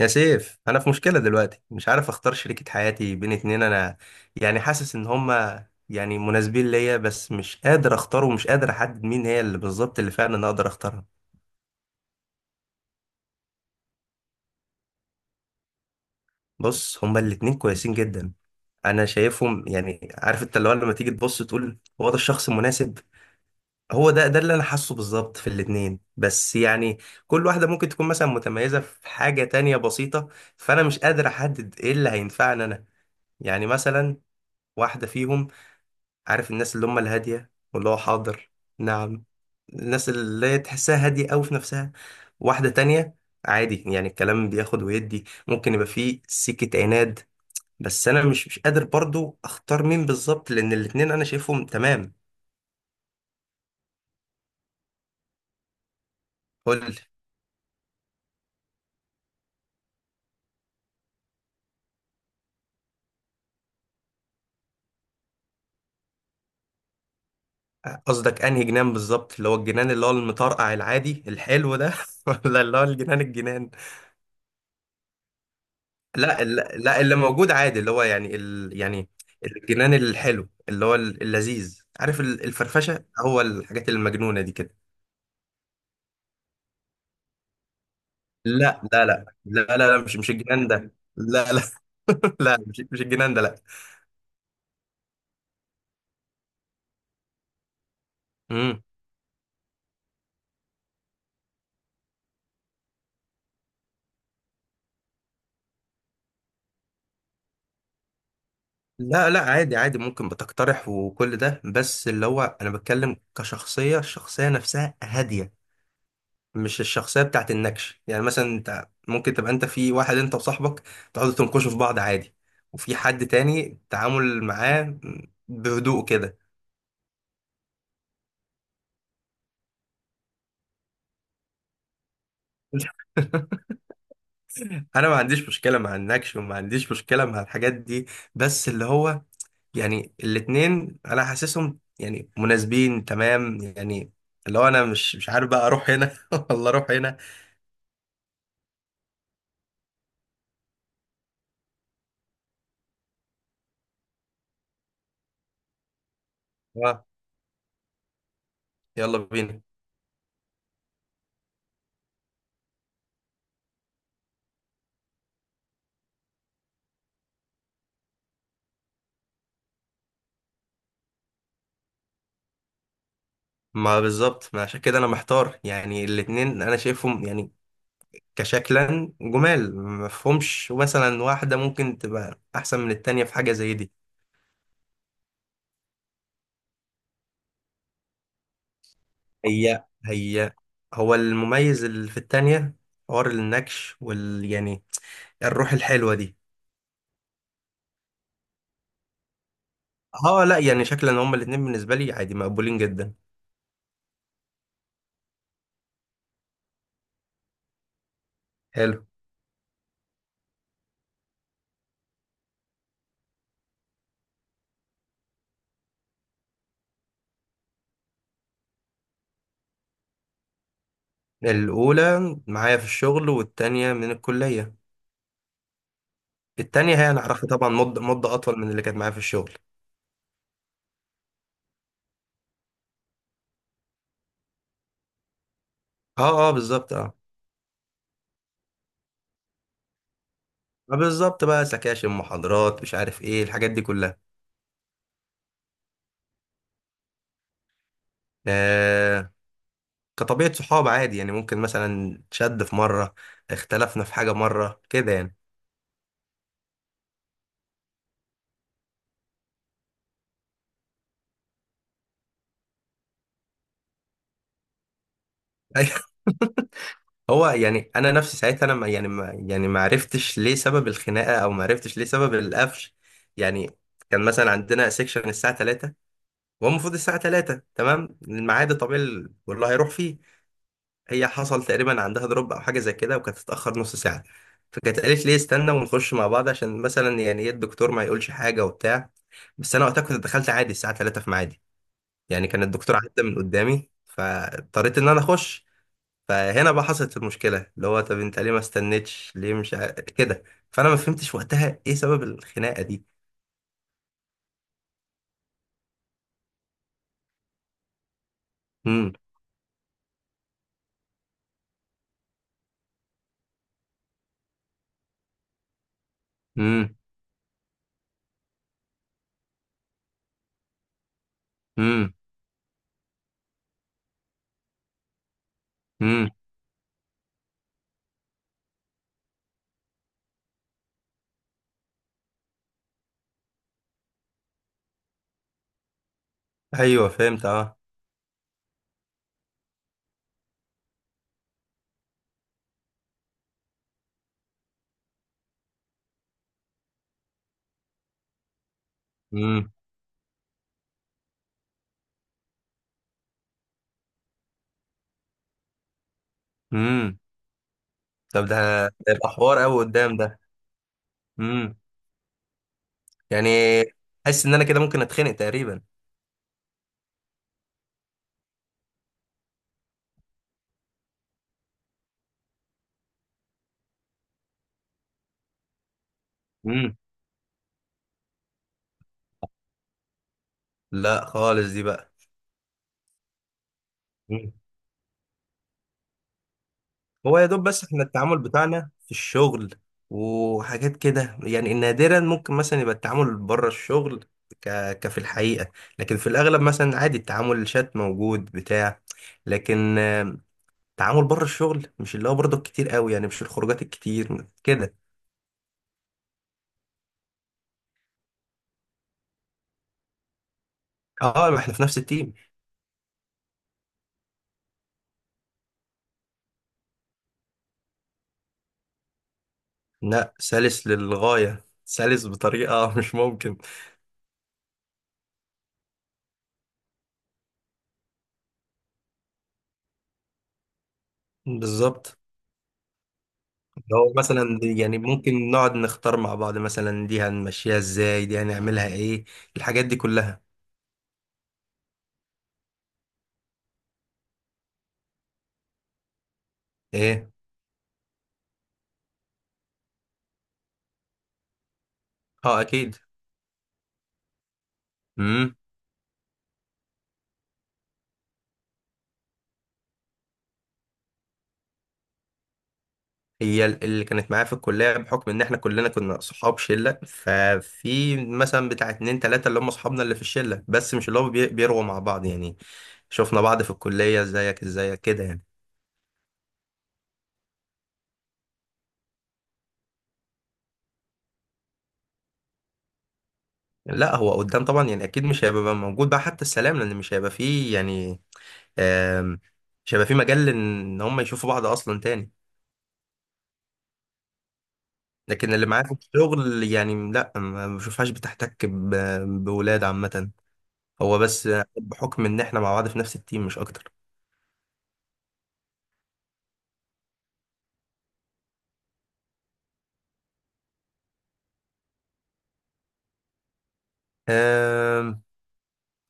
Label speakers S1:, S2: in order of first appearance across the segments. S1: يا سيف انا في مشكله دلوقتي مش عارف اختار شريكه حياتي بين اتنين. انا يعني حاسس ان هما يعني مناسبين ليا، بس مش قادر اختار ومش قادر احدد مين هي اللي بالظبط اللي فعلا انا اقدر اختارها. بص، هما الاتنين كويسين جدا. انا شايفهم، يعني عارف انت اللي هو لما تيجي تبص تقول هو ده الشخص المناسب. هو ده اللي انا حاسه بالظبط في الاتنين، بس يعني كل واحده ممكن تكون مثلا متميزه في حاجه تانية بسيطه. فانا مش قادر احدد ايه اللي هينفعني انا. يعني مثلا واحده فيهم، عارف الناس اللي هم الهادية واللي هو حاضر؟ نعم. الناس اللي تحسها هادية أوي في نفسها. واحدة تانية عادي، يعني الكلام بياخد ويدي، ممكن يبقى فيه سكة عناد. بس أنا مش قادر برضو أختار مين بالظبط، لأن الاتنين أنا شايفهم تمام. قول لي، قصدك أنهي جنان بالظبط؟ اللي هو الجنان اللي هو المطرقع العادي الحلو ده ولا اللي هو الجنان؟ لا، اللي موجود عادي، اللي هو يعني يعني الجنان الحلو، اللي هو اللذيذ، عارف، الفرفشه، هو الحاجات المجنونه دي كده. لا، مش الجنان ده، لا لا. لا، مش الجنان ده، لا. امم. لا لا، عادي عادي، ممكن بتقترح وكل ده، بس اللي هو انا بتكلم كشخصيه. الشخصيه نفسها هاديه، مش الشخصيه بتاعت النكش. يعني مثلا انت ممكن تبقى انت في واحد، انت وصاحبك تقعدوا تنكشوا في بعض عادي، وفي حد تاني التعامل معاه بهدوء كده. انا ما عنديش مشكله مع النكش، وما عنديش مشكله مع الحاجات دي، بس اللي هو يعني الاتنين انا حاسسهم يعني مناسبين تمام يعني. اللي هو انا مش عارف بقى اروح هنا ولا اروح هنا. اه، يلا بينا. ما بالظبط ما عشان كده انا محتار، يعني الاتنين انا شايفهم يعني كشكلا جمال مفهومش مثلا واحدة ممكن تبقى أحسن من التانية في حاجة زي دي. هي هو المميز اللي في التانية حوار النكش وال يعني الروح الحلوة دي. اه لا، يعني شكلا هما الاتنين بالنسبة لي عادي مقبولين جدا. حلو. الأولى معايا في الشغل، والتانية من الكلية. التانية هي أنا أعرفها طبعا مدة أطول من اللي كانت معايا في الشغل. اه اه بالظبط اه. بالظبط، بقى سكاشن، محاضرات، مش عارف ايه، الحاجات دي كلها. آه، كطبيعة صحاب عادي، يعني ممكن مثلا شد في مرة، اختلفنا في حاجة مرة كده يعني. أيوة. هو يعني انا نفسي ساعتها انا ما عرفتش ليه سبب الخناقه، او ما عرفتش ليه سبب القفش. يعني كان مثلا عندنا سيكشن الساعه 3، وهو المفروض الساعه 3 تمام، الميعاد الطبيعي والله هيروح فيه. هي حصل تقريبا عندها دروب او حاجه زي كده، وكانت تتاخر نص ساعه، فكانت قالت لي استنى ونخش مع بعض عشان مثلا يعني ايه الدكتور ما يقولش حاجه وبتاع. بس انا وقتها كنت دخلت عادي الساعه 3 في ميعادي، يعني كان الدكتور عدى من قدامي فاضطريت ان انا اخش. فهنا بقى حصلت المشكله، اللي هو طب انت ليه ما استنيتش؟ ليه مش كده؟ فانا ما فهمتش وقتها ايه سبب الخناقه دي. امم. امم. امم. امم. ايوه فهمت اه. امم. امم. طب ده يبقى حوار قوي قدام ده. امم. يعني حاسس ان انا كده ممكن اتخنق تقريبا. امم. لا خالص، دي بقى. إمم. هو يا دوب بس، احنا التعامل بتاعنا في الشغل وحاجات كده، يعني نادرا ممكن مثلا يبقى التعامل بره الشغل ك... كفي الحقيقة. لكن في الأغلب مثلا عادي التعامل، الشات موجود بتاع لكن التعامل بره الشغل مش اللي هو برضه كتير قوي، يعني مش الخروجات الكتير كده. اه، ما احنا في نفس التيم. لا، سلس للغاية، سلس بطريقة مش ممكن. بالظبط. لو مثلا يعني ممكن نقعد نختار مع بعض مثلا، دي هنمشيها ازاي، دي هنعملها ايه، الحاجات دي كلها. ايه. اه اكيد. امم. هي اللي كانت معايا في الكليه، بحكم ان احنا كلنا كنا صحاب شله، ففي مثلا بتاع اتنين تلاته اللي هم صحابنا اللي في الشله، بس مش اللي هم بيروا مع بعض يعني. شفنا بعض في الكليه، ازيك ازيك كده يعني. لا هو قدام طبعا، يعني اكيد مش هيبقى موجود بقى حتى السلام، لان مش هيبقى فيه يعني، آم، مش هيبقى فيه مجال ان هم يشوفوا بعض اصلا تاني. لكن اللي معايا في الشغل يعني لا، ما بشوفهاش بتحتك بولاد عامة. هو بس بحكم ان احنا مع بعض في نفس التيم مش اكتر. آم،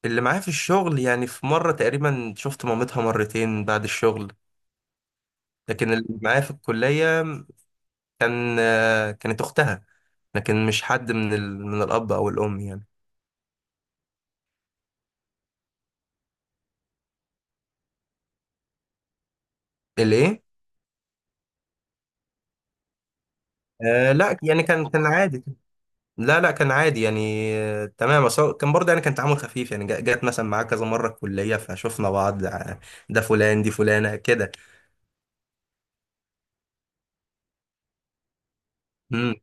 S1: اللي معايا في الشغل يعني في مرة تقريبا شفت مامتها مرتين بعد الشغل. لكن اللي معايا في الكلية كان، آه، كانت اختها، لكن مش حد من من الاب او الام يعني. الايه؟ آه لا يعني كان كان عادي. لا لا كان عادي يعني، آه، تمام، بس هو كان برضه يعني كان تعامل خفيف، يعني جات مثلا معاه كذا مرة الكلية فشفنا بعض، آه، ده فلان دي فلانة كده. امم.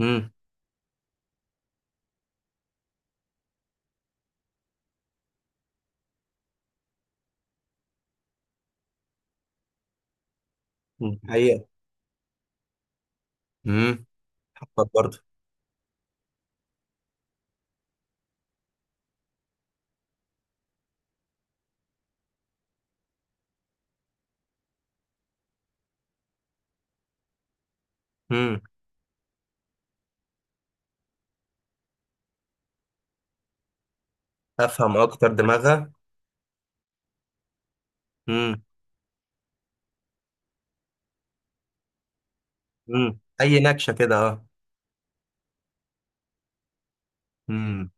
S1: امم. حقيقة. امم. حبت برضه. امم. افهم اكتر دماغها. امم. امم، اي نكشة كده اه. امم.